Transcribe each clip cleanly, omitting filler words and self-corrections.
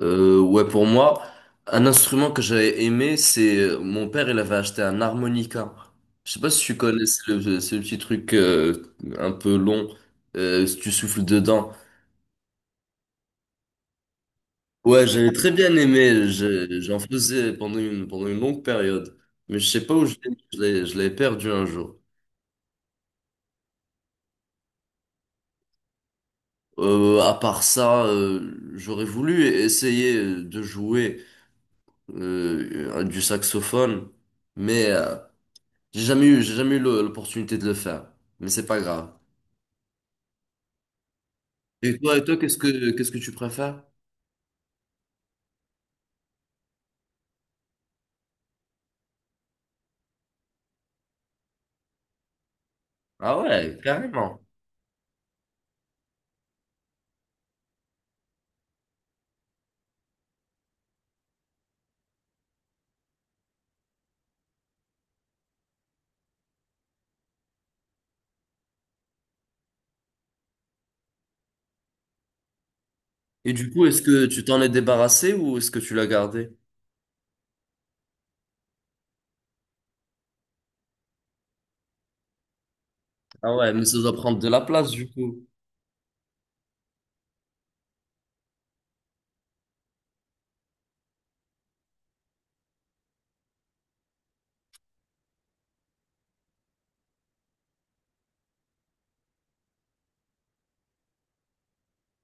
Ouais, pour moi, un instrument que j'avais aimé, c'est mon père, il avait acheté un harmonica. Je sais pas si tu connais, c'est le petit truc un peu long, si tu souffles dedans. Ouais, j'avais très bien aimé, j'en faisais pendant une longue période. Mais je sais pas où je l'ai perdu un jour. À part ça, j'aurais voulu essayer de jouer du saxophone, mais j'ai jamais eu l'opportunité de le faire, mais c'est pas grave. Et toi, qu'est-ce que tu préfères? Ah ouais, carrément. Et du coup, est-ce que tu t'en es débarrassé ou est-ce que tu l'as gardé? Ah ouais, mais ça doit prendre de la place du coup.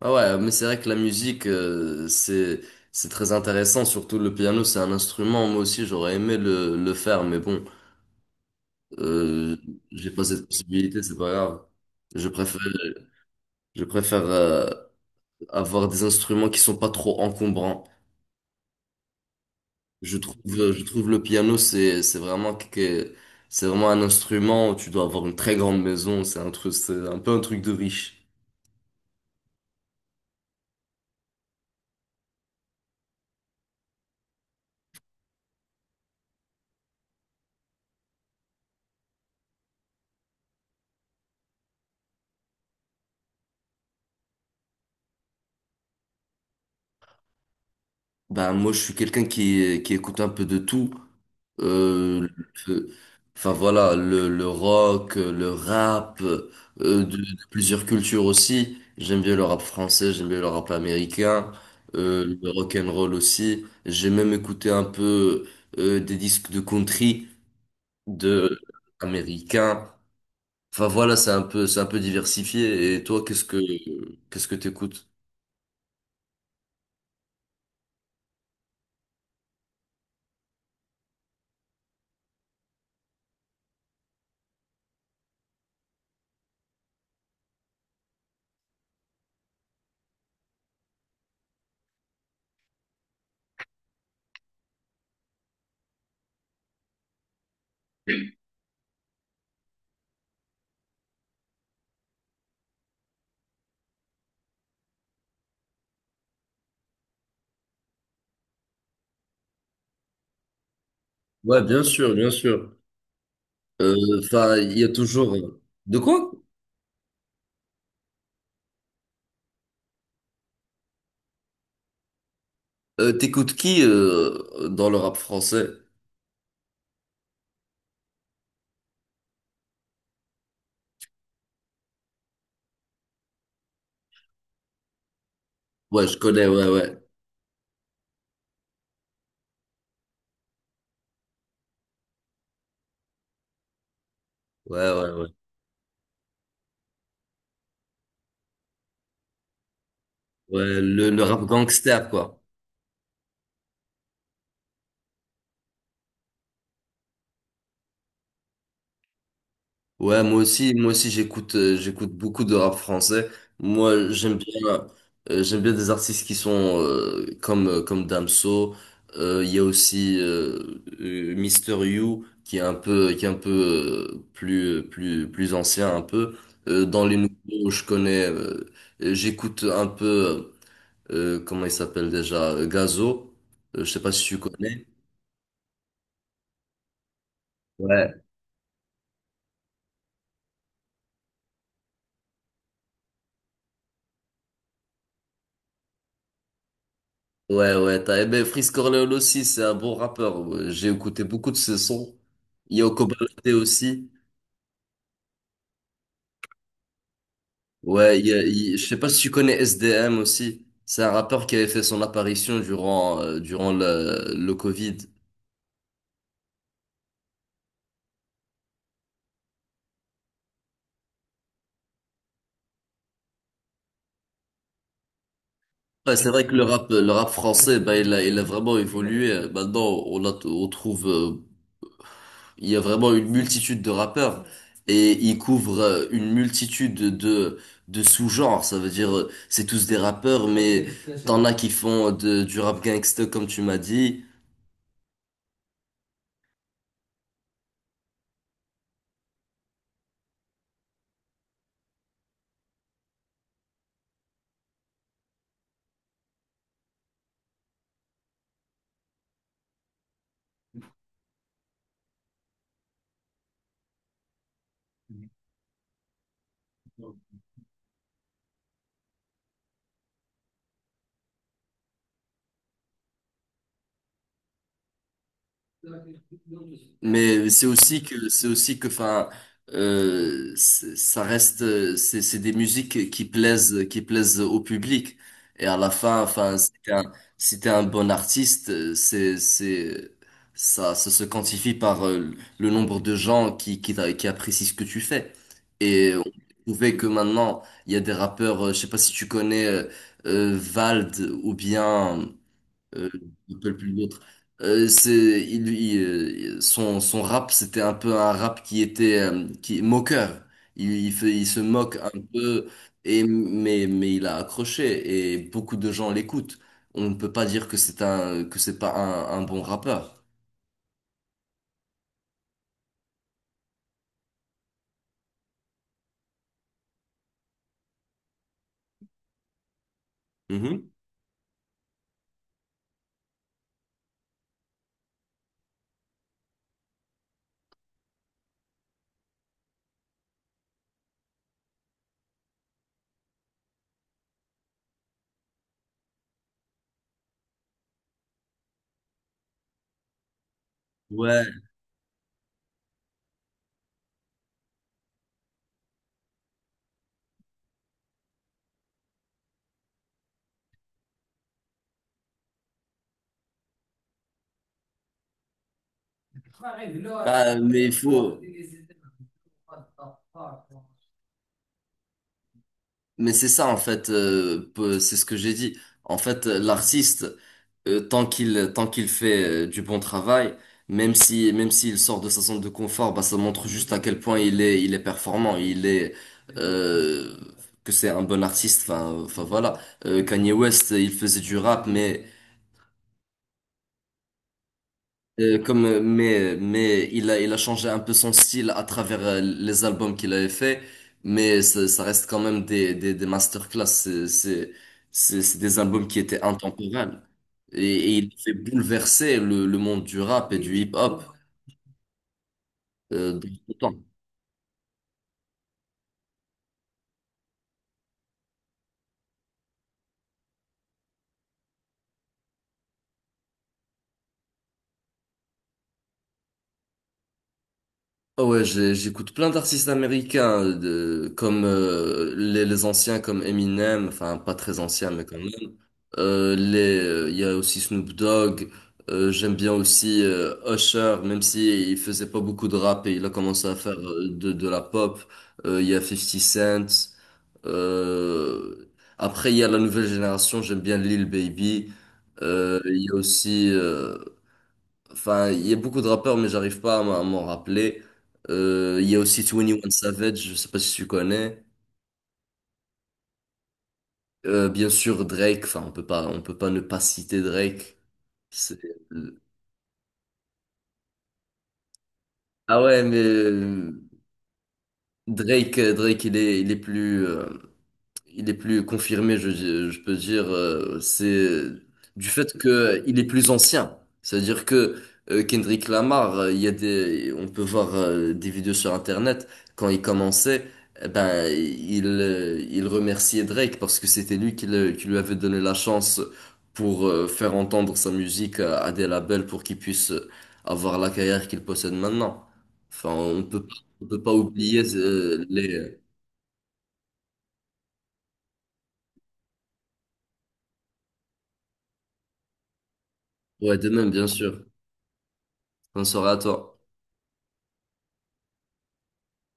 Ah ouais, mais c'est vrai que la musique, c'est très intéressant. Surtout le piano, c'est un instrument. Moi aussi, j'aurais aimé le faire, mais bon, euh, j'ai pas cette possibilité, c'est pas grave. Je préfère je préfère avoir des instruments qui sont pas trop encombrants. Je trouve, je trouve le piano, c'est vraiment c'est vraiment un instrument où tu dois avoir une très grande maison. C'est un truc, c'est un peu un truc de riche. Bah, moi, je suis quelqu'un qui écoute un peu de tout. Euh, le- enfin, voilà, le rock, le rap, de plusieurs cultures aussi. J'aime bien le rap français, j'aime bien le rap américain, le rock and roll aussi. J'ai même écouté un peu, des disques de country, de américains. Enfin voilà, c'est un peu diversifié. Et toi, qu'est-ce que t'écoutes? Ouais, bien sûr, bien sûr. Euh, Enfin, il y a toujours. De quoi? T'écoutes qui dans le rap français? Ouais, je connais. Ouais, ouais, ouais, ouais, ouais. Ouais, le rap gangster, quoi. Moi aussi j'écoute beaucoup de rap français. Moi, j'aime bien des artistes qui sont comme Damso. Il y a aussi Mister You qui est un peu plus plus ancien un peu. Dans les nouveaux, je connais j'écoute un peu, comment il s'appelle déjà, Gazo. Je sais pas si tu connais. Ouais. Ouais, ouais, t'as aimé Freeze Corleone aussi, c'est un bon rappeur. Ouais, j'ai écouté beaucoup de ses sons. Yoko Balade aussi. Ouais, il y a- il- Je sais pas si tu connais SDM aussi. C'est un rappeur qui avait fait son apparition durant le Covid. Ouais, c'est vrai que le rap français, bah, il a vraiment évolué. Maintenant, on trouve il y a vraiment une multitude de rappeurs et ils couvrent une multitude de sous-genres. Ça veut dire c'est tous des rappeurs, mais t'en as qui font du rap gangsta comme tu m'as dit. Mais c'est aussi que enfin ça reste c'est des musiques qui plaisent au public et à la fin, enfin, si t'es un bon artiste, c'est ça se quantifie par le nombre de gens qui apprécient ce que tu fais. Et on trouvait que maintenant il y a des rappeurs, je sais pas si tu connais, Vald ou bien, euh, je me rappelle plus l'autre. C'est, il, son, Son rap, c'était un peu un rap qui était moqueur. Il se moque un peu, mais il a accroché et beaucoup de gens l'écoutent. On ne peut pas dire que c'est pas un bon rappeur. Mhm. Ouais. Ah, mais il faut. Mais c'est ça en fait, c'est ce que j'ai dit. En fait, l'artiste, tant qu'il fait du bon travail, même si même s'il sort de sa zone de confort, bah ça montre juste à quel point il est performant, il est euh, que c'est un bon artiste. Enfin, enfin voilà. Kanye West, il faisait du rap, mais mais il a changé un peu son style à travers les albums qu'il avait fait, mais ça reste quand même des masterclass. C'est des albums qui étaient intemporels. Et il fait bouleverser le monde du rap et du hip-hop dans le temps. Ah ouais, j'écoute plein d'artistes américains, comme les anciens comme Eminem, enfin pas très anciens mais quand même. Il y a aussi Snoop Dogg. J'aime bien aussi Usher, même si il faisait pas beaucoup de rap et il a commencé à faire de la pop. Il y a 50 Cent. Euh, Après, il y a la nouvelle génération. J'aime bien Lil Baby. Il y a aussi, enfin, il y a beaucoup de rappeurs, mais j'arrive pas à m'en rappeler. Il y a aussi 21 Savage. Je sais pas si tu connais. Bien sûr, Drake. Enfin, on peut pas ne pas citer Drake. C'est Ah ouais, mais Drake, Drake, il est plus confirmé, je peux dire, c'est du fait que il est plus ancien. C'est-à-dire que Kendrick Lamar, il y a des, on peut voir des vidéos sur Internet quand il commençait, eh ben il remerciait Drake parce que c'était lui qui lui avait donné la chance pour faire entendre sa musique à des labels pour qu'il puisse avoir la carrière qu'il possède maintenant. Enfin, on peut pas oublier les ouais, de même, bien sûr. Bonne soirée à toi.